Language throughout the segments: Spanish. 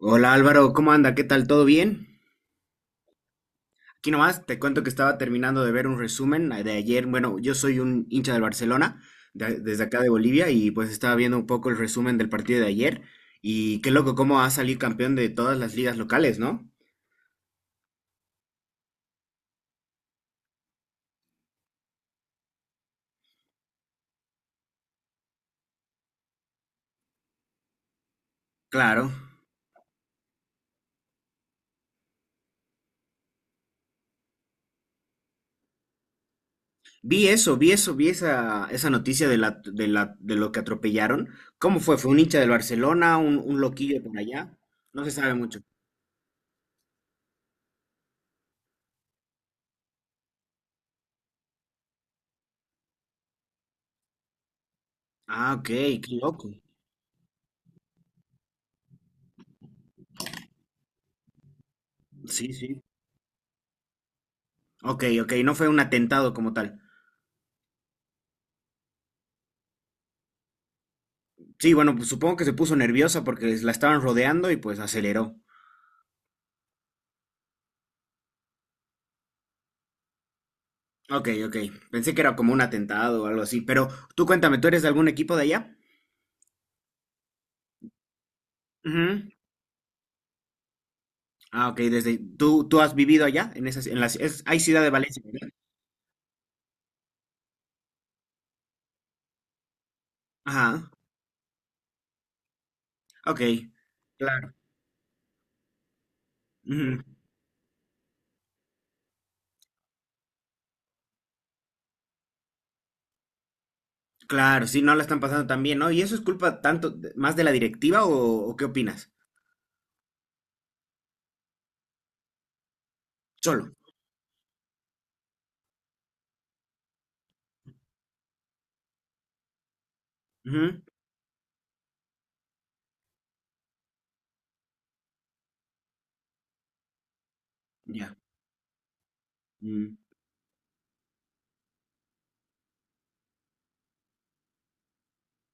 Hola Álvaro, ¿cómo anda? ¿Qué tal? ¿Todo bien? Aquí nomás te cuento que estaba terminando de ver un resumen de ayer. Bueno, yo soy un hincha del Barcelona, desde acá de Bolivia, y pues estaba viendo un poco el resumen del partido de ayer. Y qué loco cómo ha salido campeón de todas las ligas locales, ¿no? Claro. Vi eso, vi eso, vi esa, esa noticia de lo que atropellaron. ¿Cómo fue? ¿Fue un hincha del Barcelona, un loquillo por allá? No se sabe mucho. Ah, ok, qué loco. Sí, sí. Ok, ok, no fue un atentado como tal. Sí, bueno, pues supongo que se puso nerviosa porque la estaban rodeando y pues aceleró. Ok, ok. Pensé que era como un atentado o algo así, pero tú cuéntame, ¿tú eres de algún equipo de allá? Ujú. Ah, ok, desde tú has vivido allá en esas en las es- hay ciudad de Valencia, ¿verdad? Ajá. Ok. Claro. Ujú. Claro, sí, no la están pasando tan bien, ¿no? ¿Y eso es culpa tanto más de la directiva o qué opinas? Solo. Ujú. Ya. Mm.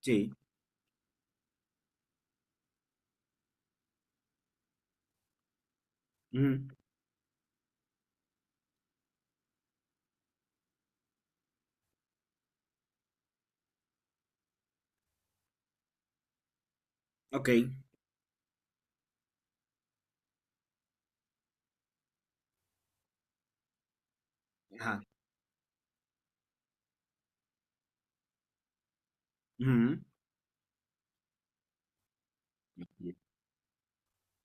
Sí. Ujú. Ok. Ajá. Ujú.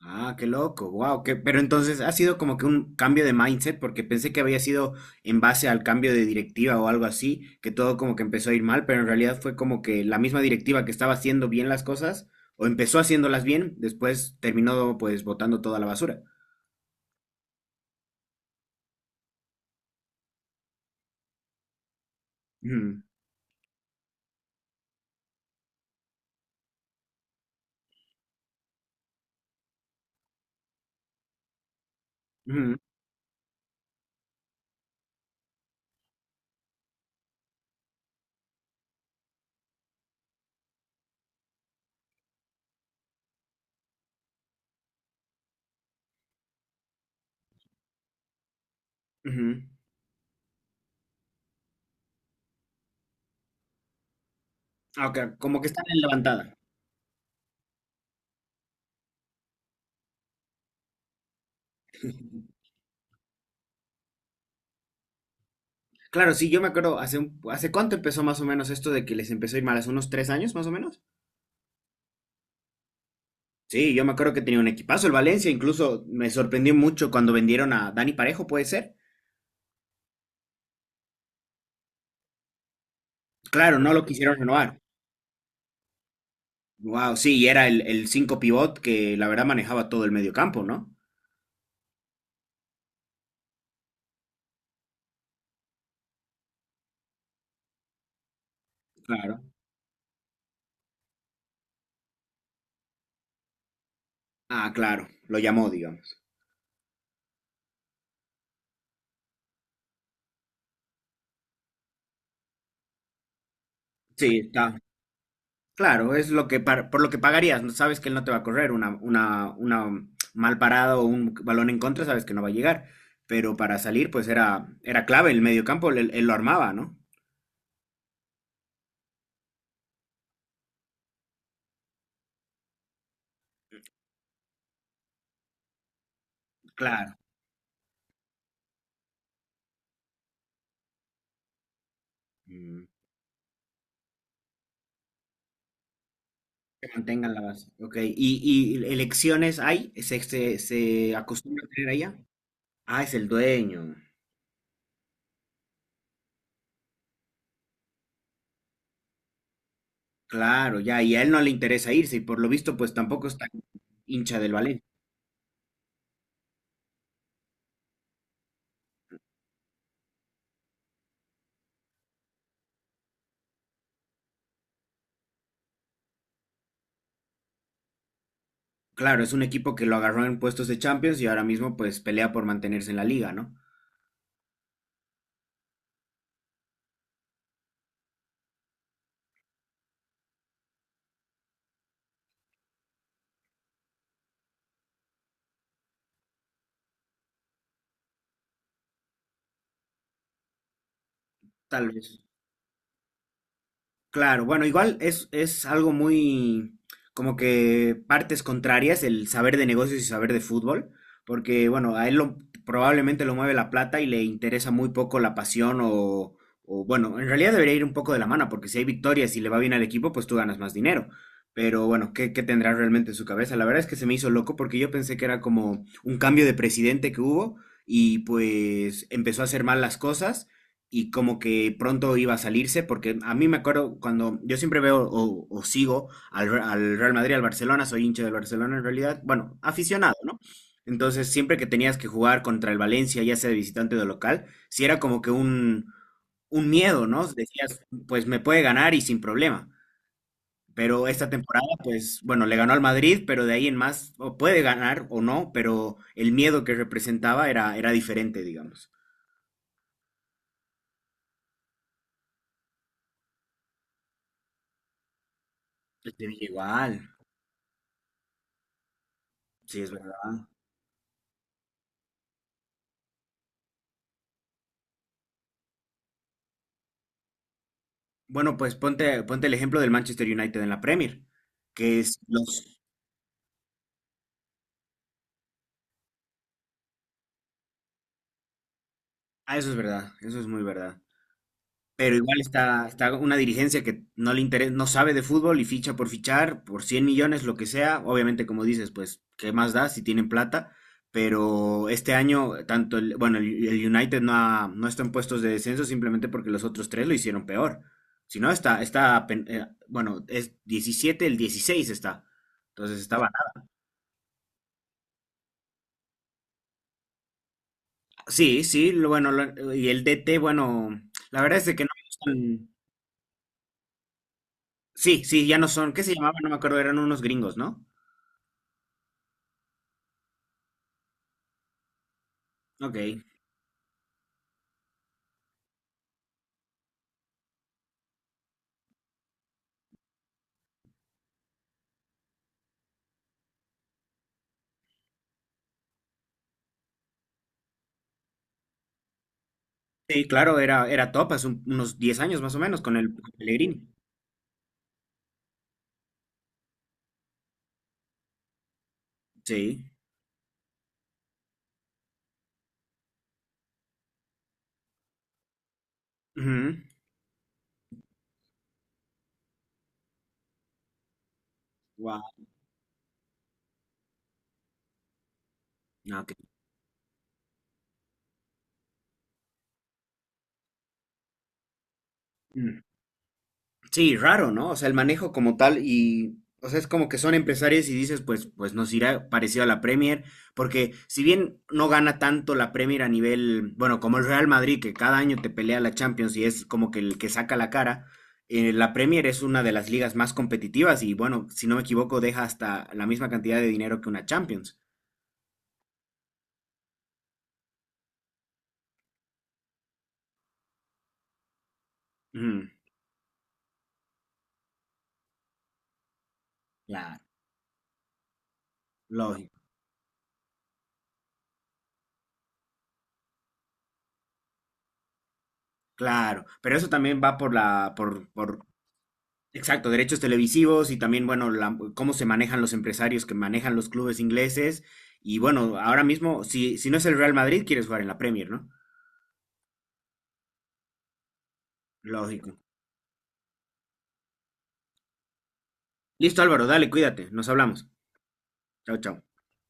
Ah, qué loco, wow, que, pero entonces ha sido como que un cambio de mindset, porque pensé que había sido en base al cambio de directiva o algo así, que todo como que empezó a ir mal, pero en realidad fue como que la misma directiva que estaba haciendo bien las cosas, o empezó haciéndolas bien, después terminó pues botando toda la basura. Ujú, ujú, ujú. Ah, ok, como que están en levantada. Claro, sí, yo me acuerdo, ¿hace cuánto empezó más o menos esto de que les empezó a ir mal? ¿Hace unos 3 años más o menos? Sí, yo me acuerdo que tenía un equipazo el Valencia, incluso me sorprendió mucho cuando vendieron a Dani Parejo, puede ser. Claro, no lo quisieron renovar. Wow, sí, y era el 5 pivot que la verdad manejaba todo el medio campo, ¿no? Claro. Ah, claro, lo llamó, digamos. Sí, está. Claro, es lo que por lo que pagarías, ¿no? Sabes que él no te va a correr una mal parada o un balón en contra, sabes que no va a llegar. Pero para salir, pues era, era clave el medio campo, él lo armaba, ¿no? Claro. Que mantengan la base. Ok. Y elecciones hay? ¿ se acostumbra a tener allá? Ah, es el dueño. Claro, ya. Y a él no le interesa irse. Y por lo visto, pues tampoco está hincha del Valencia. Claro, es un equipo que lo agarró en puestos de Champions y ahora mismo, pues pelea por mantenerse en la liga, ¿no? Tal vez. Claro, bueno, igual es algo muy como que partes contrarias el saber de negocios y saber de fútbol, porque bueno, a él lo, probablemente lo mueve la plata y le interesa muy poco la pasión o bueno, en realidad debería ir un poco de la mano, porque si hay victorias y le va bien al equipo, pues tú ganas más dinero. Pero bueno, ¿qué, qué tendrá realmente en su cabeza? La verdad es que se me hizo loco porque yo pensé que era como un cambio de presidente que hubo y pues empezó a hacer mal las cosas y como que pronto iba a salirse, porque a mí me acuerdo cuando yo siempre veo o sigo al Real Madrid, al Barcelona, soy hincha del Barcelona en realidad, bueno, aficionado, ¿no? Entonces siempre que tenías que jugar contra el Valencia, ya sea de visitante o de local, si era como que un miedo, ¿no? Decías, pues me puede ganar y sin problema. Pero esta temporada, pues bueno, le ganó al Madrid, pero de ahí en más, o puede ganar o no, pero el miedo que representaba era, era diferente, digamos. El Sevilla igual, sí, es. Bueno, pues ponte, ponte el ejemplo del Manchester United en la Premier, que es los... Ah, eso es verdad, eso es muy verdad. Pero igual está, está una dirigencia que no le interesa, no sabe de fútbol y ficha por fichar, por 100 millones, lo que sea. Obviamente, como dices, pues, ¿qué más da si tienen plata? Pero este año, tanto el, bueno, el United no, no está en puestos de descenso simplemente porque los otros tres lo hicieron peor. Si no, está, bueno, es 17, el 16 está. Entonces está. Sí, sí, y el DT, bueno, la verdad es de que no me gustan. Sí, sí, ya no son. ¿Qué se llamaban? No me acuerdo, eran unos gringos, ¿no? Ok. Sí, claro, era, era top hace unos 10 años más o menos con el Pellegrini. Sí. Wow. Sí, raro, ¿no? O sea, el manejo como tal y, o sea, es como que son empresarios y dices, pues, pues nos irá parecido a la Premier, porque si bien no gana tanto la Premier a nivel, bueno, como el Real Madrid, que cada año te pelea la Champions y es como que el que saca la cara, la Premier es una de las ligas más competitivas y, bueno, si no me equivoco, deja hasta la misma cantidad de dinero que una Champions. Ujú. Claro. Lógico, claro, pero eso también va por la, por, por. Exacto, derechos televisivos y también, bueno, cómo se manejan los empresarios que manejan los clubes ingleses. Y bueno, ahora mismo, si, si no es el Real Madrid, quieres jugar en la Premier, ¿no? Lógico. Listo, Álvaro, dale, cuídate, nos hablamos. Chao, chao.